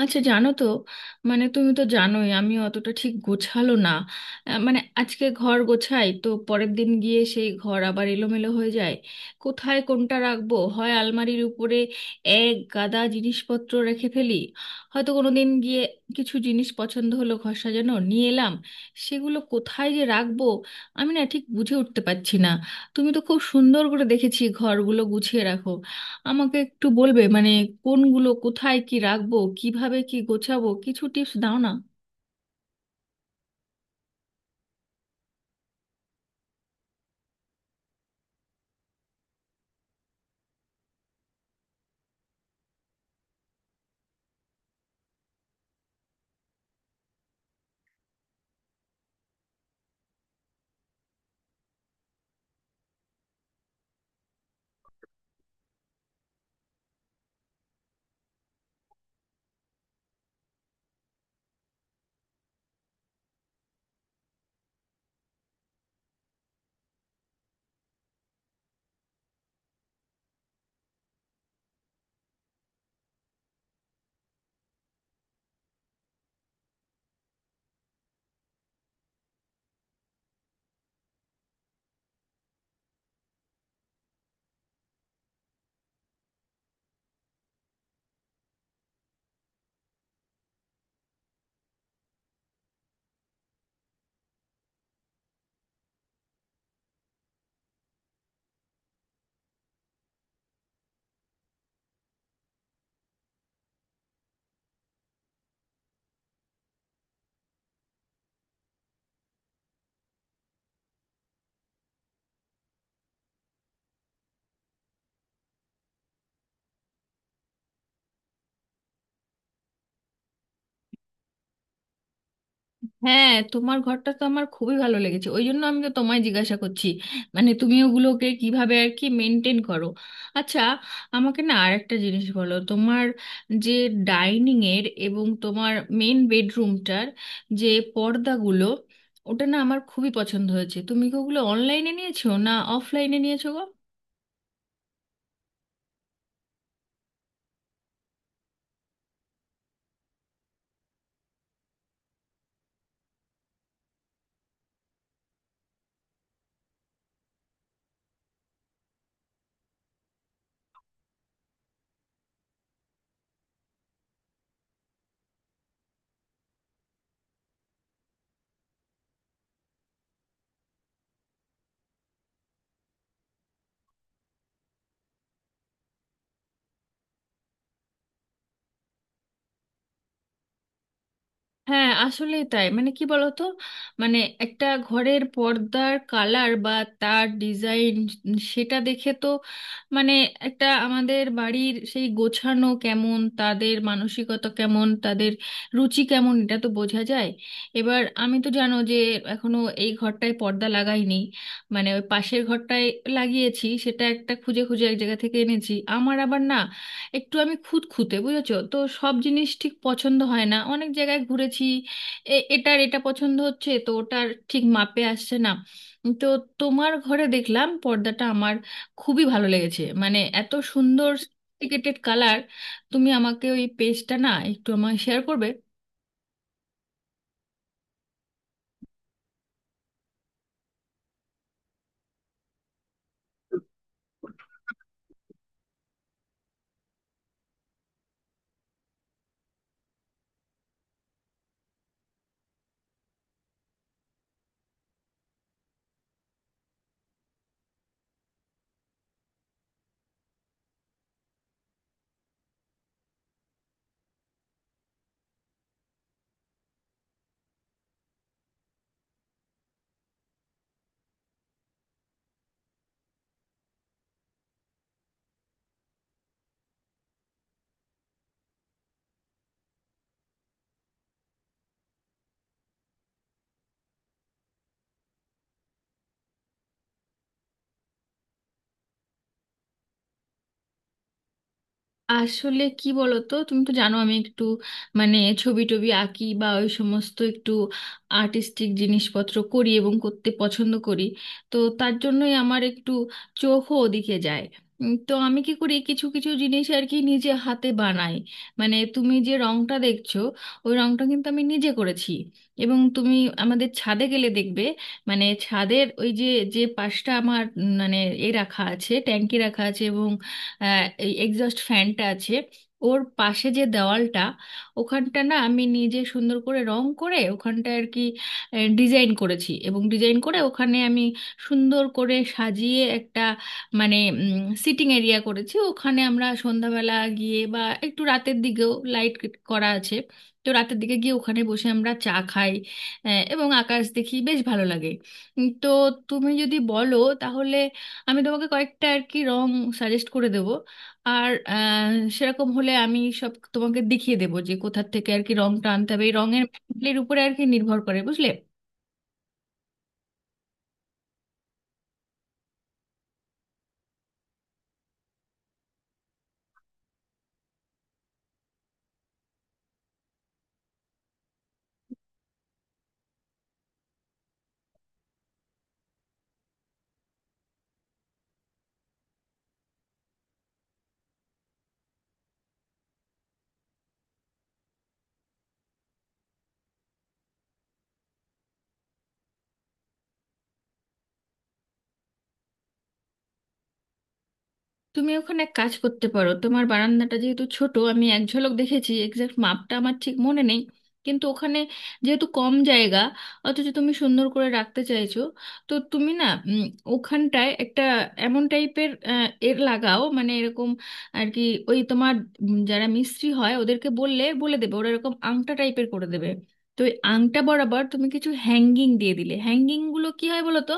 আচ্ছা, জানো তো, মানে তুমি তো জানোই আমি অতটা ঠিক গোছালো না। মানে আজকে ঘর গোছাই তো পরের দিন গিয়ে সেই ঘর আবার এলোমেলো হয়ে যায়। কোথায় কোনটা রাখবো, হয় আলমারির উপরে এক গাদা জিনিসপত্র রেখে ফেলি। হয়তো কোনো দিন গিয়ে কিছু জিনিস পছন্দ হলো, ঘর সাজানো নিয়ে এলাম, সেগুলো কোথায় যে রাখবো আমি না ঠিক বুঝে উঠতে পারছি না। তুমি তো খুব সুন্দর করে, দেখেছি, ঘরগুলো গুছিয়ে রাখো। আমাকে একটু বলবে মানে কোনগুলো কোথায় কি রাখবো, কিভাবে কি গোছাবো, কিছু টিপস দাও না। হ্যাঁ, তোমার ঘরটা তো আমার খুবই ভালো লেগেছে, ওই জন্য আমি তো তোমায় জিজ্ঞাসা করছি মানে তুমি ওগুলোকে কিভাবে আর কি মেনটেন করো। আচ্ছা, আমাকে না আর একটা জিনিস বলো, তোমার যে ডাইনিং এর এবং তোমার মেন বেডরুমটার যে পর্দাগুলো, ওটা না আমার খুবই পছন্দ হয়েছে। তুমি কি ওগুলো অনলাইনে নিয়েছো, না অফলাইনে নিয়েছো গো? হ্যাঁ, আসলেই তাই। মানে কি বলতো, মানে একটা ঘরের পর্দার কালার বা তার ডিজাইন সেটা দেখে তো মানে একটা আমাদের বাড়ির সেই গোছানো কেমন, তাদের মানসিকতা কেমন, তাদের রুচি কেমন, এটা তো বোঝা যায়। এবার আমি তো, জানো যে, এখনো এই ঘরটায় পর্দা লাগাইনি। মানে ওই পাশের ঘরটায় লাগিয়েছি, সেটা একটা খুঁজে খুঁজে এক জায়গা থেকে এনেছি। আমার আবার না একটু আমি খুঁতখুঁতে, বুঝেছো তো, সব জিনিস ঠিক পছন্দ হয় না, অনেক জায়গায় ঘুরেছি। এটার এটা পছন্দ হচ্ছে তো ওটার ঠিক মাপে আসছে না। তো তোমার ঘরে দেখলাম পর্দাটা আমার খুবই ভালো লেগেছে, মানে এত সুন্দর সফিস্টিকেটেড কালার। তুমি আমাকে ওই পেজটা না একটু আমায় শেয়ার করবে? আসলে কি বলতো, তুমি তো জানো আমি একটু মানে ছবি টবি আঁকি বা ওই সমস্ত একটু আর্টিস্টিক জিনিসপত্র করি এবং করতে পছন্দ করি। তো তার জন্যই আমার একটু চোখও ওদিকে যায়। তো আমি কি করি, কিছু কিছু জিনিস আর কি নিজে হাতে বানাই। মানে তুমি যে রংটা দেখছো, ওই রংটা কিন্তু আমি নিজে করেছি। এবং তুমি আমাদের ছাদে গেলে দেখবে, মানে ছাদের ওই যে যে পাশটা আমার মানে এ রাখা আছে, ট্যাঙ্কি রাখা আছে, এবং এই এক্সস্ট ফ্যানটা আছে, ওর পাশে যে দেওয়ালটা, ওখানটা না আমি নিজে সুন্দর করে রং করে ওখানটা আর কি ডিজাইন করেছি, এবং ডিজাইন করে ওখানে আমি সুন্দর করে সাজিয়ে একটা মানে সিটিং এরিয়া করেছি। ওখানে আমরা সন্ধ্যাবেলা গিয়ে বা একটু রাতের দিকেও, লাইট করা আছে, তো রাতের দিকে গিয়ে ওখানে বসে আমরা চা খাই, এবং আকাশ দেখি, বেশ ভালো লাগে। তো তুমি যদি বলো, তাহলে আমি তোমাকে কয়েকটা আর কি রং সাজেস্ট করে দেব। আর সেরকম হলে আমি সব তোমাকে দেখিয়ে দেবো যে কোথার থেকে আর কি রংটা আনতে হবে, এই রঙের এর উপরে আর কি নির্ভর করে, বুঝলে। তুমি ওখানে এক কাজ করতে পারো, তোমার বারান্দাটা যেহেতু ছোট, আমি এক ঝলক দেখেছি, এক্সাক্ট মাপটা আমার ঠিক মনে নেই, কিন্তু ওখানে যেহেতু কম জায়গা অথচ তুমি সুন্দর করে রাখতে চাইছো, তো তুমি না ওখানটায় একটা এমন টাইপের এর লাগাও, মানে এরকম আর কি, ওই তোমার যারা মিস্ত্রি হয় ওদেরকে বললে বলে দেবে, ওরা এরকম আংটা টাইপের করে দেবে। তো ওই আংটা বরাবর তুমি কিছু হ্যাঙ্গিং দিয়ে দিলে, হ্যাঙ্গিংগুলো কী হয় বলো তো,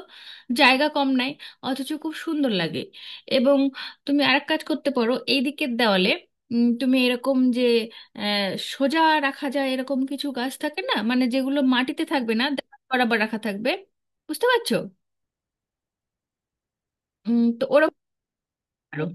জায়গা কম নাই অথচ খুব সুন্দর লাগে। এবং তুমি আরেক কাজ করতে পারো, এই দিকের দেওয়ালে তুমি এরকম যে আহ, সোজা রাখা যায় এরকম কিছু গাছ থাকে না, মানে যেগুলো মাটিতে থাকবে না দেওয়াল বরাবর রাখা থাকবে, বুঝতে পারছো? তো ওরকম পারো।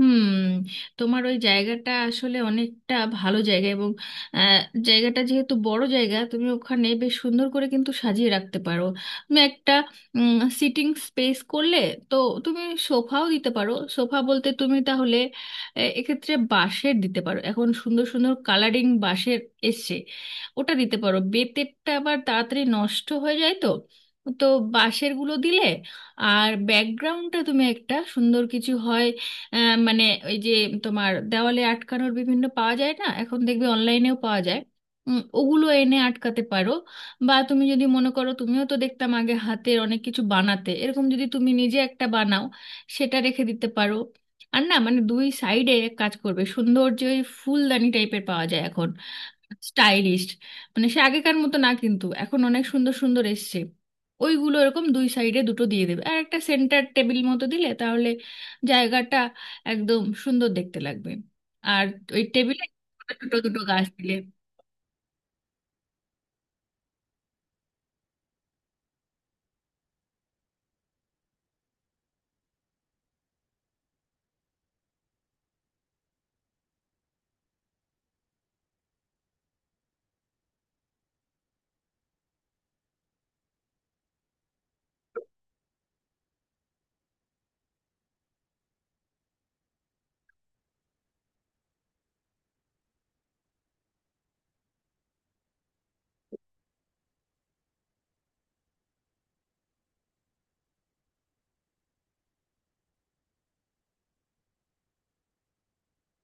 হুম। তোমার ওই জায়গাটা আসলে অনেকটা ভালো জায়গা, এবং আহ, জায়গাটা যেহেতু বড় জায়গা, তুমি ওখানে বেশ সুন্দর করে কিন্তু সাজিয়ে রাখতে পারো। তুমি একটা সিটিং স্পেস করলে, তো তুমি সোফাও দিতে পারো। সোফা বলতে তুমি তাহলে এক্ষেত্রে বাঁশের দিতে পারো, এখন সুন্দর সুন্দর কালারিং বাঁশের এসছে, ওটা দিতে পারো, বেতেরটা আবার তাড়াতাড়ি নষ্ট হয়ে যায়, তো তো বাঁশের গুলো দিলে। আর ব্যাকগ্রাউন্ডটা তুমি একটা সুন্দর কিছু হয়, মানে ওই যে তোমার দেওয়ালে আটকানোর বিভিন্ন পাওয়া যায় না, এখন দেখবে অনলাইনেও পাওয়া যায়, ওগুলো এনে আটকাতে পারো। বা তুমি যদি মনে করো, তুমিও তো দেখতাম আগে হাতের অনেক কিছু বানাতে, এরকম যদি তুমি নিজে একটা বানাও, সেটা রেখে দিতে পারো। আর না মানে দুই সাইডে কাজ করবে সুন্দর যে ওই ফুলদানি টাইপের পাওয়া যায় এখন, স্টাইলিশড, মানে সে আগেকার মতো না, কিন্তু এখন অনেক সুন্দর সুন্দর এসছে। ওইগুলো এরকম দুই সাইডে দুটো দিয়ে দেবে, আর একটা সেন্টার টেবিল মতো দিলে তাহলে জায়গাটা একদম সুন্দর দেখতে লাগবে। আর ওই টেবিলে দুটো দুটো গাছ দিলে।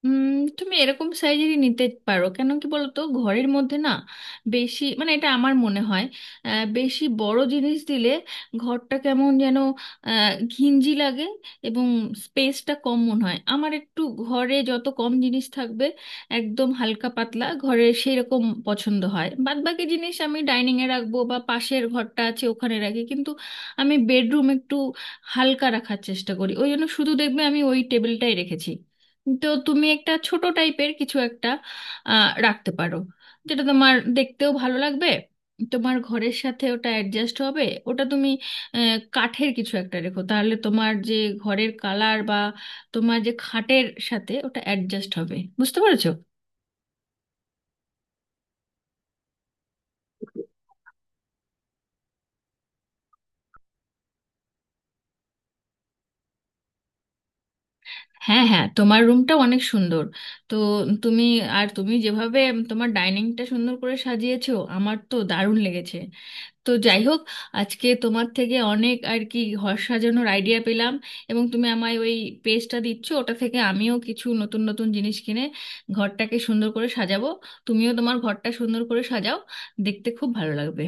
উম, তুমি এরকম সাইজেরই নিতে পারো। কেন কি বলো তো, ঘরের মধ্যে না বেশি মানে, এটা আমার মনে হয়, বেশি বড় জিনিস দিলে ঘরটা কেমন যেন ঘিঞ্জি লাগে, এবং স্পেসটা কম মনে হয় আমার। একটু ঘরে যত কম জিনিস থাকবে, একদম হালকা পাতলা ঘরে সেই রকম পছন্দ হয়। বাদবাকি জিনিস আমি ডাইনিংয়ে রাখবো বা পাশের ঘরটা আছে ওখানে রাখি, কিন্তু আমি বেডরুম একটু হালকা রাখার চেষ্টা করি, ওই জন্য শুধু দেখবে আমি ওই টেবিলটাই রেখেছি। তো তুমি একটা ছোট টাইপের কিছু একটা রাখতে পারো, যেটা তোমার দেখতেও ভালো লাগবে, তোমার ঘরের সাথে ওটা অ্যাডজাস্ট হবে। ওটা তুমি কাঠের কিছু একটা রেখো, তাহলে তোমার যে ঘরের কালার বা তোমার যে খাটের সাথে ওটা অ্যাডজাস্ট হবে, বুঝতে পেরেছো? হ্যাঁ, হ্যাঁ, তোমার রুমটা অনেক সুন্দর। তো তুমি, আর তুমি যেভাবে তোমার ডাইনিংটা সুন্দর করে সাজিয়েছো, আমার তো দারুণ লেগেছে। তো যাই হোক, আজকে তোমার থেকে অনেক আর কি ঘর সাজানোর আইডিয়া পেলাম, এবং তুমি আমায় ওই পেজটা দিচ্ছ, ওটা থেকে আমিও কিছু নতুন নতুন জিনিস কিনে ঘরটাকে সুন্দর করে সাজাবো। তুমিও তোমার ঘরটা সুন্দর করে সাজাও, দেখতে খুব ভালো লাগবে।